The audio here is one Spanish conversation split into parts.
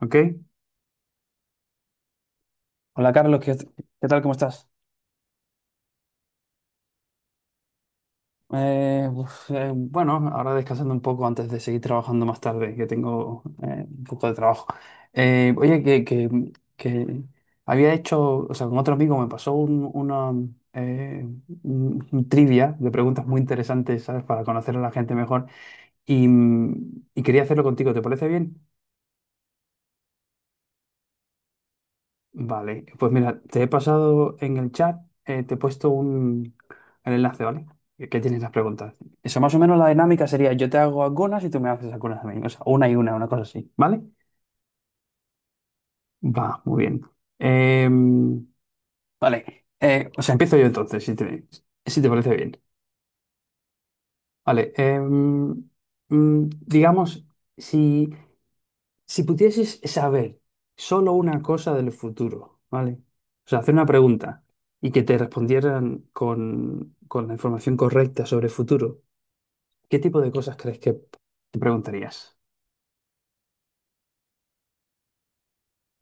Ok. Hola Carlos, qué tal? ¿Cómo estás? Bueno, ahora descansando un poco antes de seguir trabajando más tarde, que tengo un poco de trabajo. Oye, que había hecho, o sea, con otro amigo me pasó una eh, un trivia de preguntas muy interesantes, ¿sabes? Para conocer a la gente mejor y, y quería hacerlo contigo, ¿te parece bien? Vale, pues mira, te he pasado en el chat, te he puesto el enlace, ¿vale? Que tienes las preguntas. Eso más o menos la dinámica sería yo te hago algunas y tú me haces algunas a mí. O sea, una y una, una cosa así, ¿vale? Va, muy bien. Em, vale, o sea, empiezo yo entonces, si te parece bien. Vale, digamos, si Si pudieses saber solo una cosa del futuro, ¿vale? O sea, hacer una pregunta y que te respondieran con la información correcta sobre el futuro, ¿qué tipo de cosas crees que te preguntarías?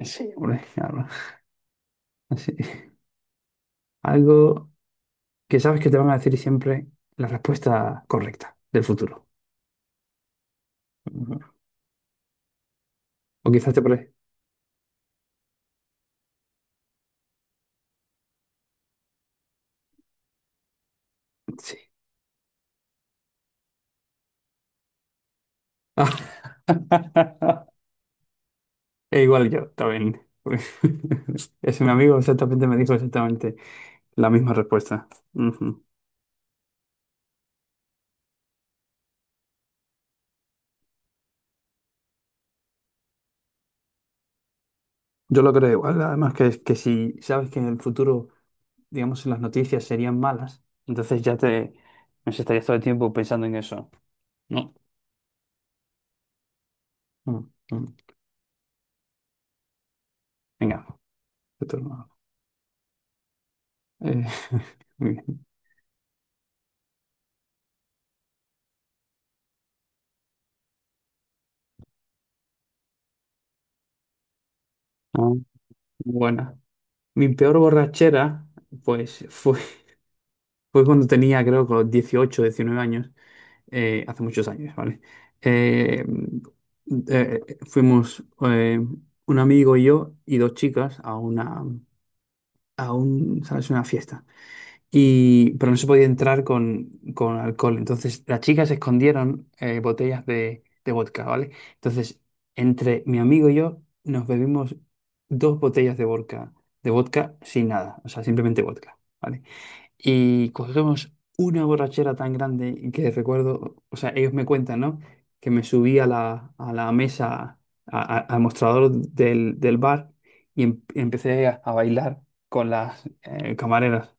Sí, hombre, claro. Sí. Algo que sabes que te van a decir siempre la respuesta correcta del futuro. Ujú. O quizás te pre... Sí. E igual yo también. Es un amigo exactamente me dijo exactamente. La misma respuesta. Ujú. Yo lo creo igual. Además, que si sabes que en el futuro, digamos, si las noticias serían malas, entonces ya te no sé, estarías todo el tiempo pensando en eso. No. Mm, mm. Venga, tu turno. Eh, muy bien. Ah, buena. Mi peor borrachera, pues fue. Fue cuando tenía, creo, con los 18, 19 años, hace muchos años, ¿vale? Eh, eh, fuimos un amigo y yo y dos chicas a una, a un, ¿sabes? Una fiesta. Y, pero no se podía entrar con alcohol. Entonces las chicas escondieron botellas de vodka, ¿vale? Entonces, entre mi amigo y yo nos bebimos dos botellas de vodka sin nada, o sea, simplemente vodka. ¿Vale? Y cogemos una borrachera tan grande que recuerdo, o sea, ellos me cuentan, ¿no? Que me subí a a la mesa, al mostrador del bar y empecé a bailar con las camareras.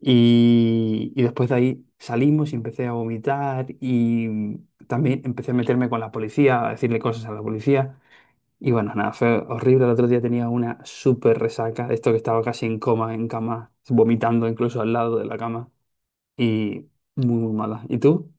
Y después de ahí salimos y empecé a vomitar y también empecé a meterme con la policía, a decirle cosas a la policía. Y bueno, nada, fue horrible. El otro día tenía una súper resaca, de esto que estaba casi en coma, en cama, vomitando incluso al lado de la cama y muy, muy mala. ¿Y tú?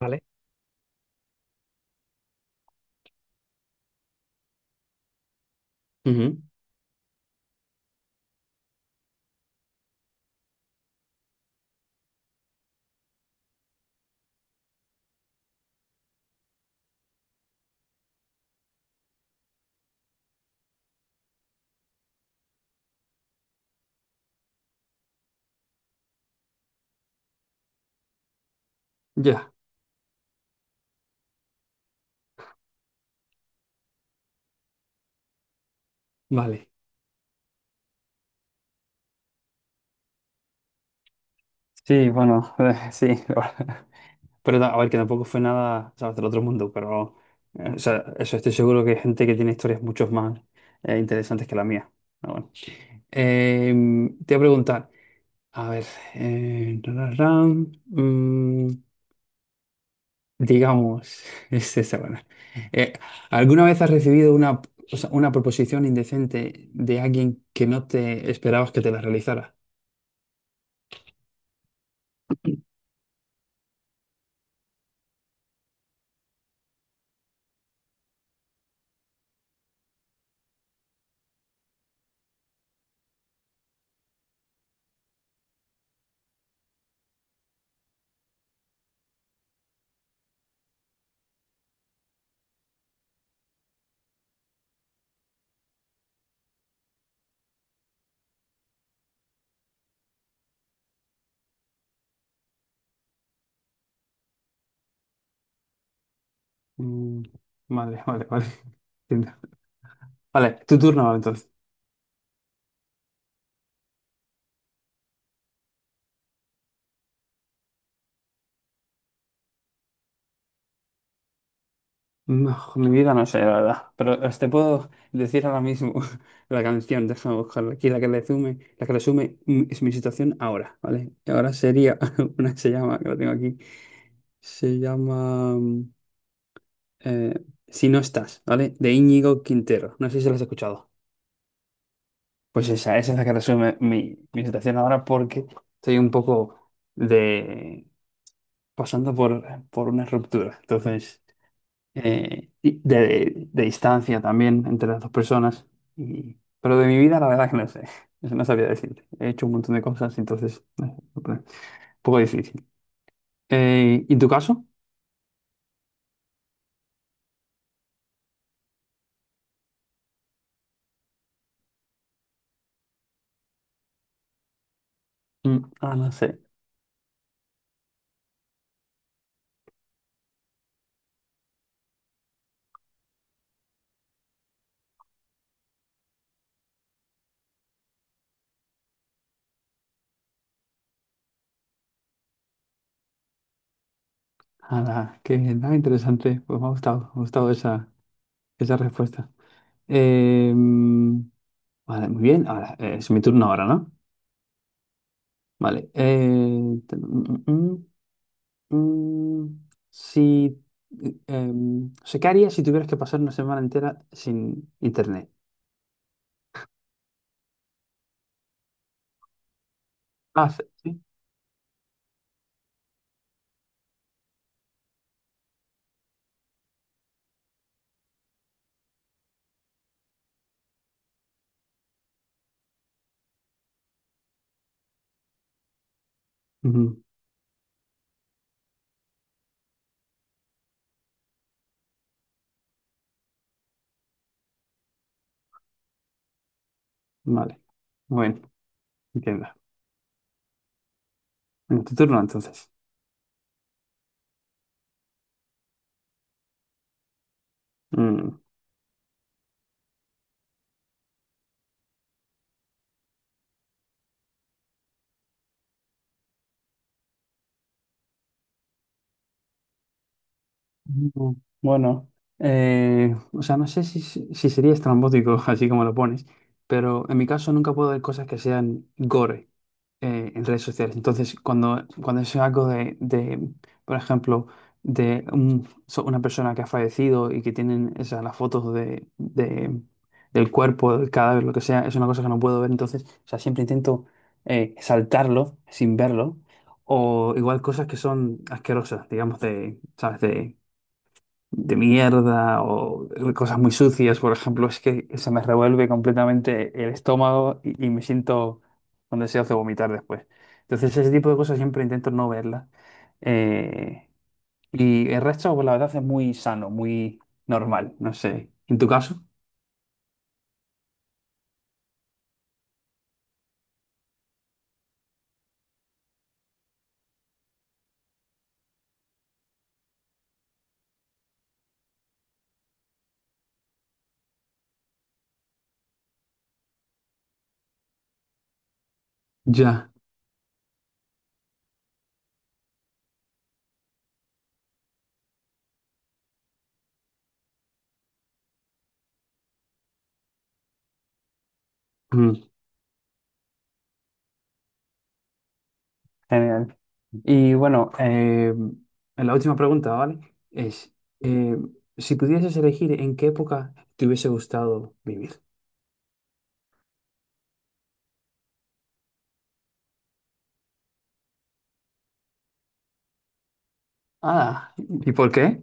¿Vale? Ujú. Ya, vale. Sí, bueno, sí, la verdad. Pero a ver, que tampoco fue nada, ¿sabes? Del otro mundo, pero o sea, eso estoy seguro que hay gente que tiene historias mucho más interesantes que la mía. Pero bueno. Eh, te voy a preguntar, a ver, eh, ra, ra, ra, mm, digamos, es esa, bueno. Eh, ¿Alguna vez has recibido una, o sea, una proposición indecente de alguien que no te esperabas que te la realizara? Mm, vale, vale, vale. Entiendo. Vale, tu turno ahora, entonces. No, mi vida no sé, la verdad. Pero os te puedo decir ahora mismo la canción, déjame buscarla aquí, la que resume es mi situación ahora, ¿vale? Y ahora sería, una que se llama, que la tengo aquí, se llama... eh, Si no estás, ¿vale? De Íñigo Quintero. No sé si lo has escuchado. Pues esa es la que resume mi, mi situación ahora porque estoy un poco de pasando por una ruptura. Entonces, y de distancia también entre las dos personas. Y- pero de mi vida, la verdad que no sé. Eso no sabía decirte. He hecho un montón de cosas, entonces, no sé, un poco difícil. ¿Y en tu caso? Mm, ah, no sé. Nada, qué nada interesante. Pues me ha gustado esa, esa respuesta. Em, vale, muy bien. Ahora, es mi turno ahora, ¿no? Vale. Te- mm, mm, mm, mm. si, em, o sea, ¿qué harías si tuvieras que pasar una semana entera sin internet? Ah, sí, sí. Ujú, vale. Bueno, entiendo. En tu turno, entonces. Mm. Mm, bueno, o sea, no sé si si sería estrambótico, así como lo pones, pero en mi caso nunca puedo ver cosas que sean gore en redes sociales. Entonces, cuando es algo por ejemplo, de una persona que ha fallecido y que tienen esas, las fotos del cuerpo, del cadáver, lo que sea, es una cosa que no puedo ver. Entonces, o sea, siempre intento saltarlo sin verlo. O igual cosas que son asquerosas, digamos, de, ¿sabes? De mierda o de cosas muy sucias, por ejemplo, es que se me revuelve completamente el estómago y me siento con deseos de vomitar después. Entonces, ese tipo de cosas siempre intento no verlas. Eh, y el resto, pues la verdad, es muy sano, muy normal, no sé. ¿En tu caso? Ya. Mm. Genial. Y bueno, la última pregunta, ¿vale? Es, eh, si pudieses elegir en qué época te hubiese gustado vivir. Ah, ¿y por qué?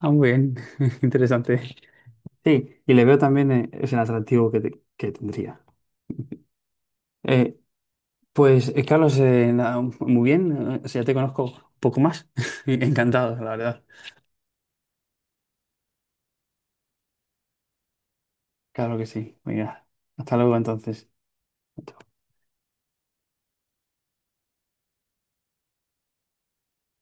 Ah, muy bien, interesante. Sí, y le veo también es el atractivo que, que tendría. Eh, pues Carlos, nada, muy bien, o sea, ya te conozco un poco más. Encantado, la verdad. Claro que sí. Venga, hasta luego entonces.